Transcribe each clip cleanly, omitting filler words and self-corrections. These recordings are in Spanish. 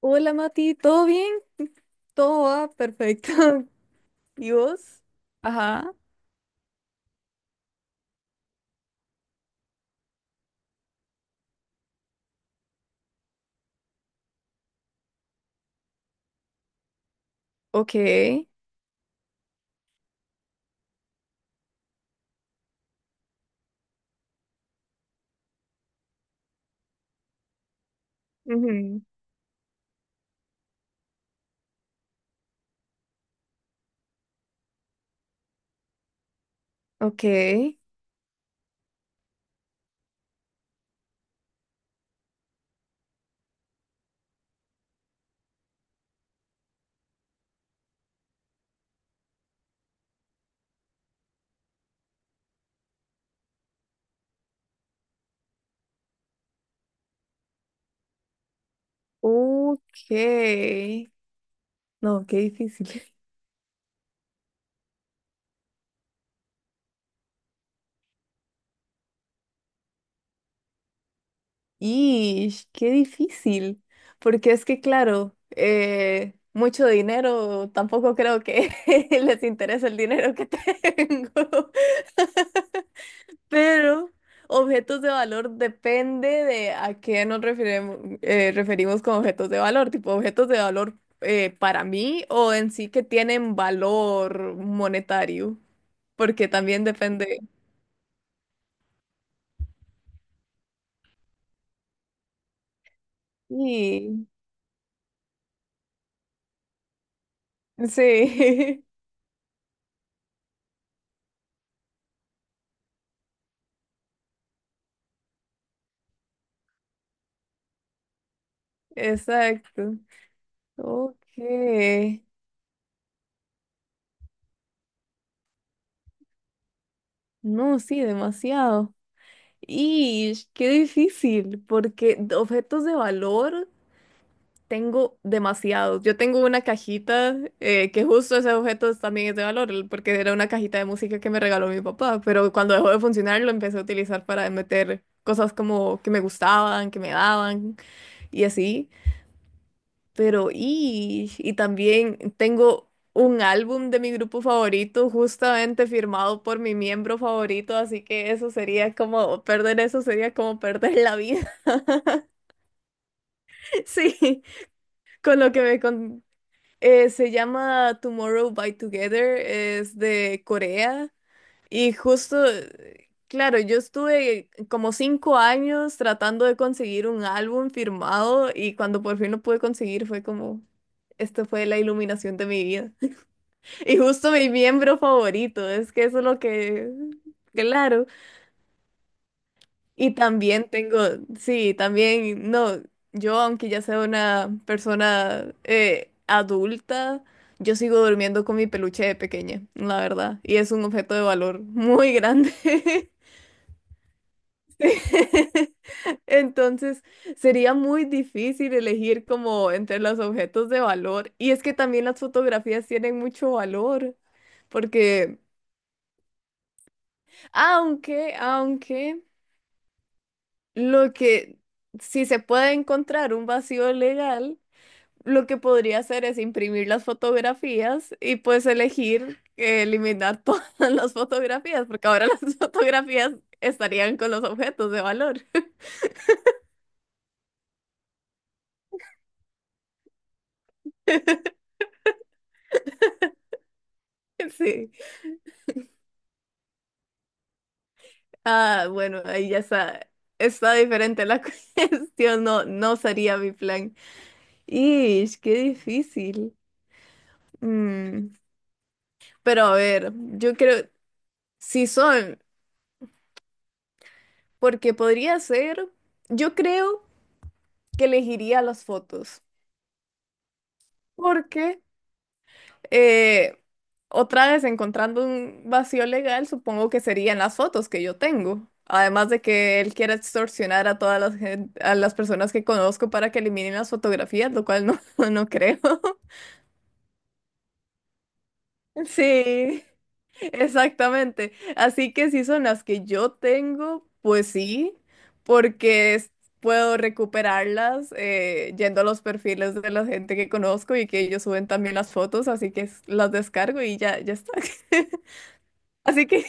Hola Mati, ¿todo bien? Todo va perfecto. ¿Y vos? Ajá. Ok. Ujú. Ok. Ok. No, qué difícil. Ish, qué difícil. Porque es que, claro, mucho dinero, tampoco creo que les interese el dinero que tengo. Pero objetos de valor depende de a qué nos referimos con objetos de valor, tipo objetos de valor para mí o en sí que tienen valor monetario, porque también depende. Sí, sí, exacto. Ok. No, sí, demasiado. Y qué difícil, porque objetos de valor. Tengo demasiados. Yo tengo una cajita que justo ese objeto también es de valor, porque era una cajita de música que me regaló mi papá, pero cuando dejó de funcionar lo empecé a utilizar para meter cosas como que me gustaban, que me daban y así. Pero y también tengo un álbum de mi grupo favorito justamente firmado por mi miembro favorito, así que eso sería como perder la vida. Sí, con lo que me se llama Tomorrow by Together, es de Corea y justo, claro, yo estuve como 5 años tratando de conseguir un álbum firmado y cuando por fin lo pude conseguir fue como, esta fue la iluminación de mi vida. Y justo mi miembro favorito, es que eso es lo que, claro. Y también tengo, sí, también, no, yo aunque ya sea una persona adulta, yo sigo durmiendo con mi peluche de pequeña, la verdad, y es un objeto de valor muy grande. Sí. Entonces, sería muy difícil elegir como entre los objetos de valor, y es que también las fotografías tienen mucho valor, porque aunque, lo que, si se puede encontrar un vacío legal, lo que podría hacer es imprimir las fotografías y pues elegir eliminar todas las fotografías, porque ahora las fotografías estarían con los objetos de valor. Sí. Ah, bueno, ahí ya está. Está diferente la cuestión, no, no sería mi plan. Ish, qué difícil. Mm, Pero a ver, yo creo, si son, porque podría ser, yo creo que elegiría las fotos, porque Eh, otra vez encontrando un vacío legal, supongo que serían las fotos que yo tengo. Además de que él quiera extorsionar a todas a las personas que conozco para que eliminen las fotografías, lo cual no, no creo. Sí, exactamente. Así que si son las que yo tengo, pues sí, porque puedo recuperarlas yendo a los perfiles de la gente que conozco y que ellos suben también las fotos, así que las descargo y ya, ya está. Así que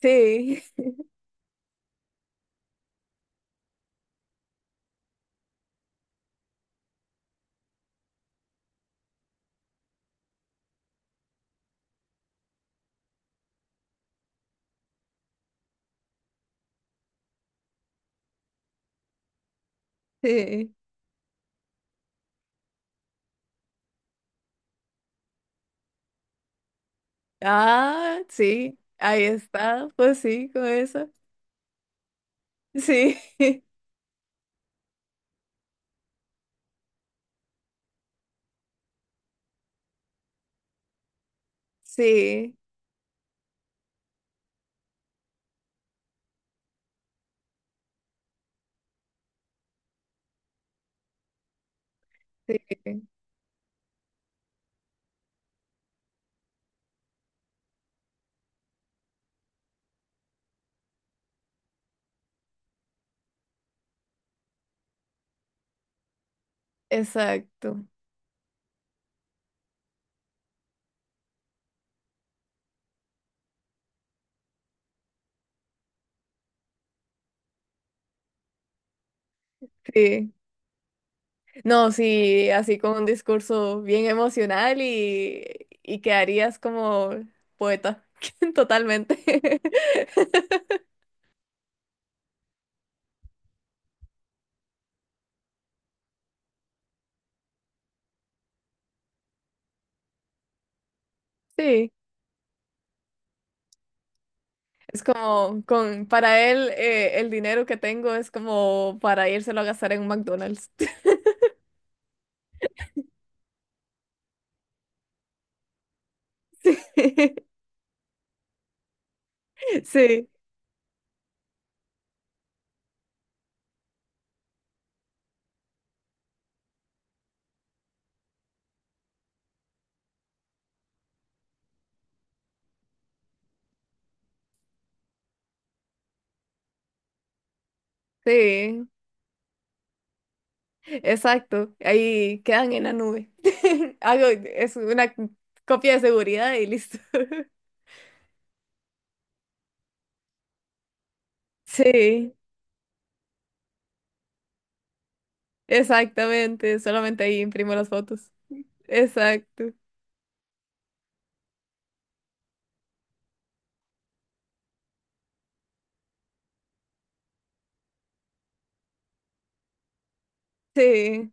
sí, sí. Ah, sí, ahí está, pues sí, con eso. Sí, sí, sí, exacto. Sí. No, sí, así con un discurso bien emocional y quedarías como poeta, totalmente. Sí, es como, para él, el dinero que tengo es como para írselo a gastar en un McDonald's. Sí, sí, sí. Exacto, ahí quedan en la nube. Algo es una copia de seguridad y listo. Sí, exactamente, solamente ahí imprimo las fotos. Exacto. Sí,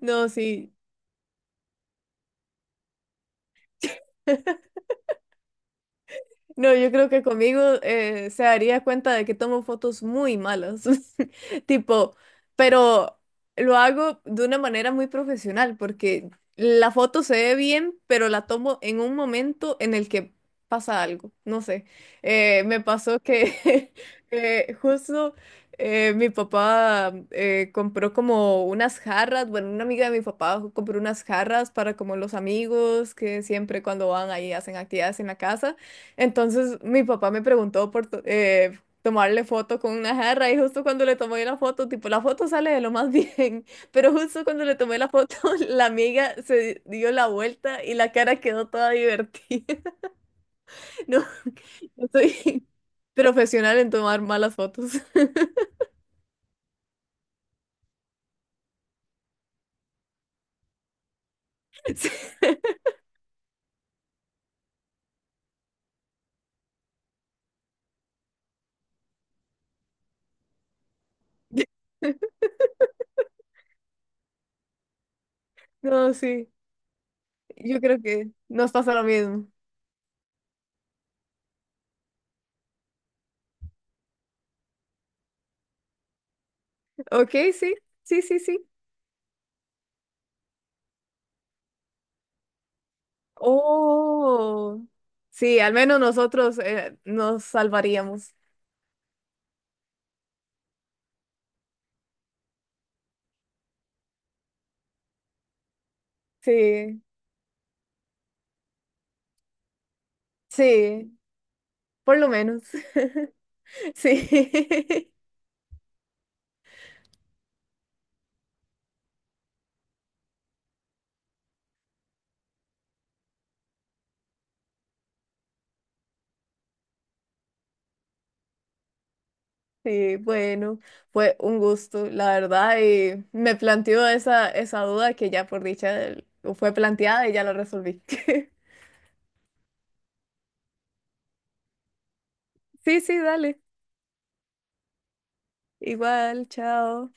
no, sí. No, yo creo que conmigo se daría cuenta de que tomo fotos muy malas, tipo, pero lo hago de una manera muy profesional porque la foto se ve bien, pero la tomo en un momento en el que pasa algo, no sé. Me pasó que justo mi papá compró como unas jarras, bueno, una amiga de mi papá compró unas jarras para como los amigos que siempre cuando van ahí hacen actividades en la casa. Entonces mi papá me preguntó por tomarle foto con una jarra y justo cuando le tomé la foto, tipo, la foto sale de lo más bien, pero justo cuando le tomé la foto, la amiga se dio la vuelta y la cara quedó toda divertida. No, no soy profesional en tomar malas fotos. Sí. No, sí, yo creo que nos pasa lo mismo. Ok, sí, sí, sí, sí. Oh, sí, al menos nosotros nos salvaríamos. Sí, sí, por lo menos. Sí, sí, bueno, fue un gusto, la verdad, y me planteó esa duda que ya por dicha fue planteada y ya la resolví. Sí, sí, dale. Igual, chao.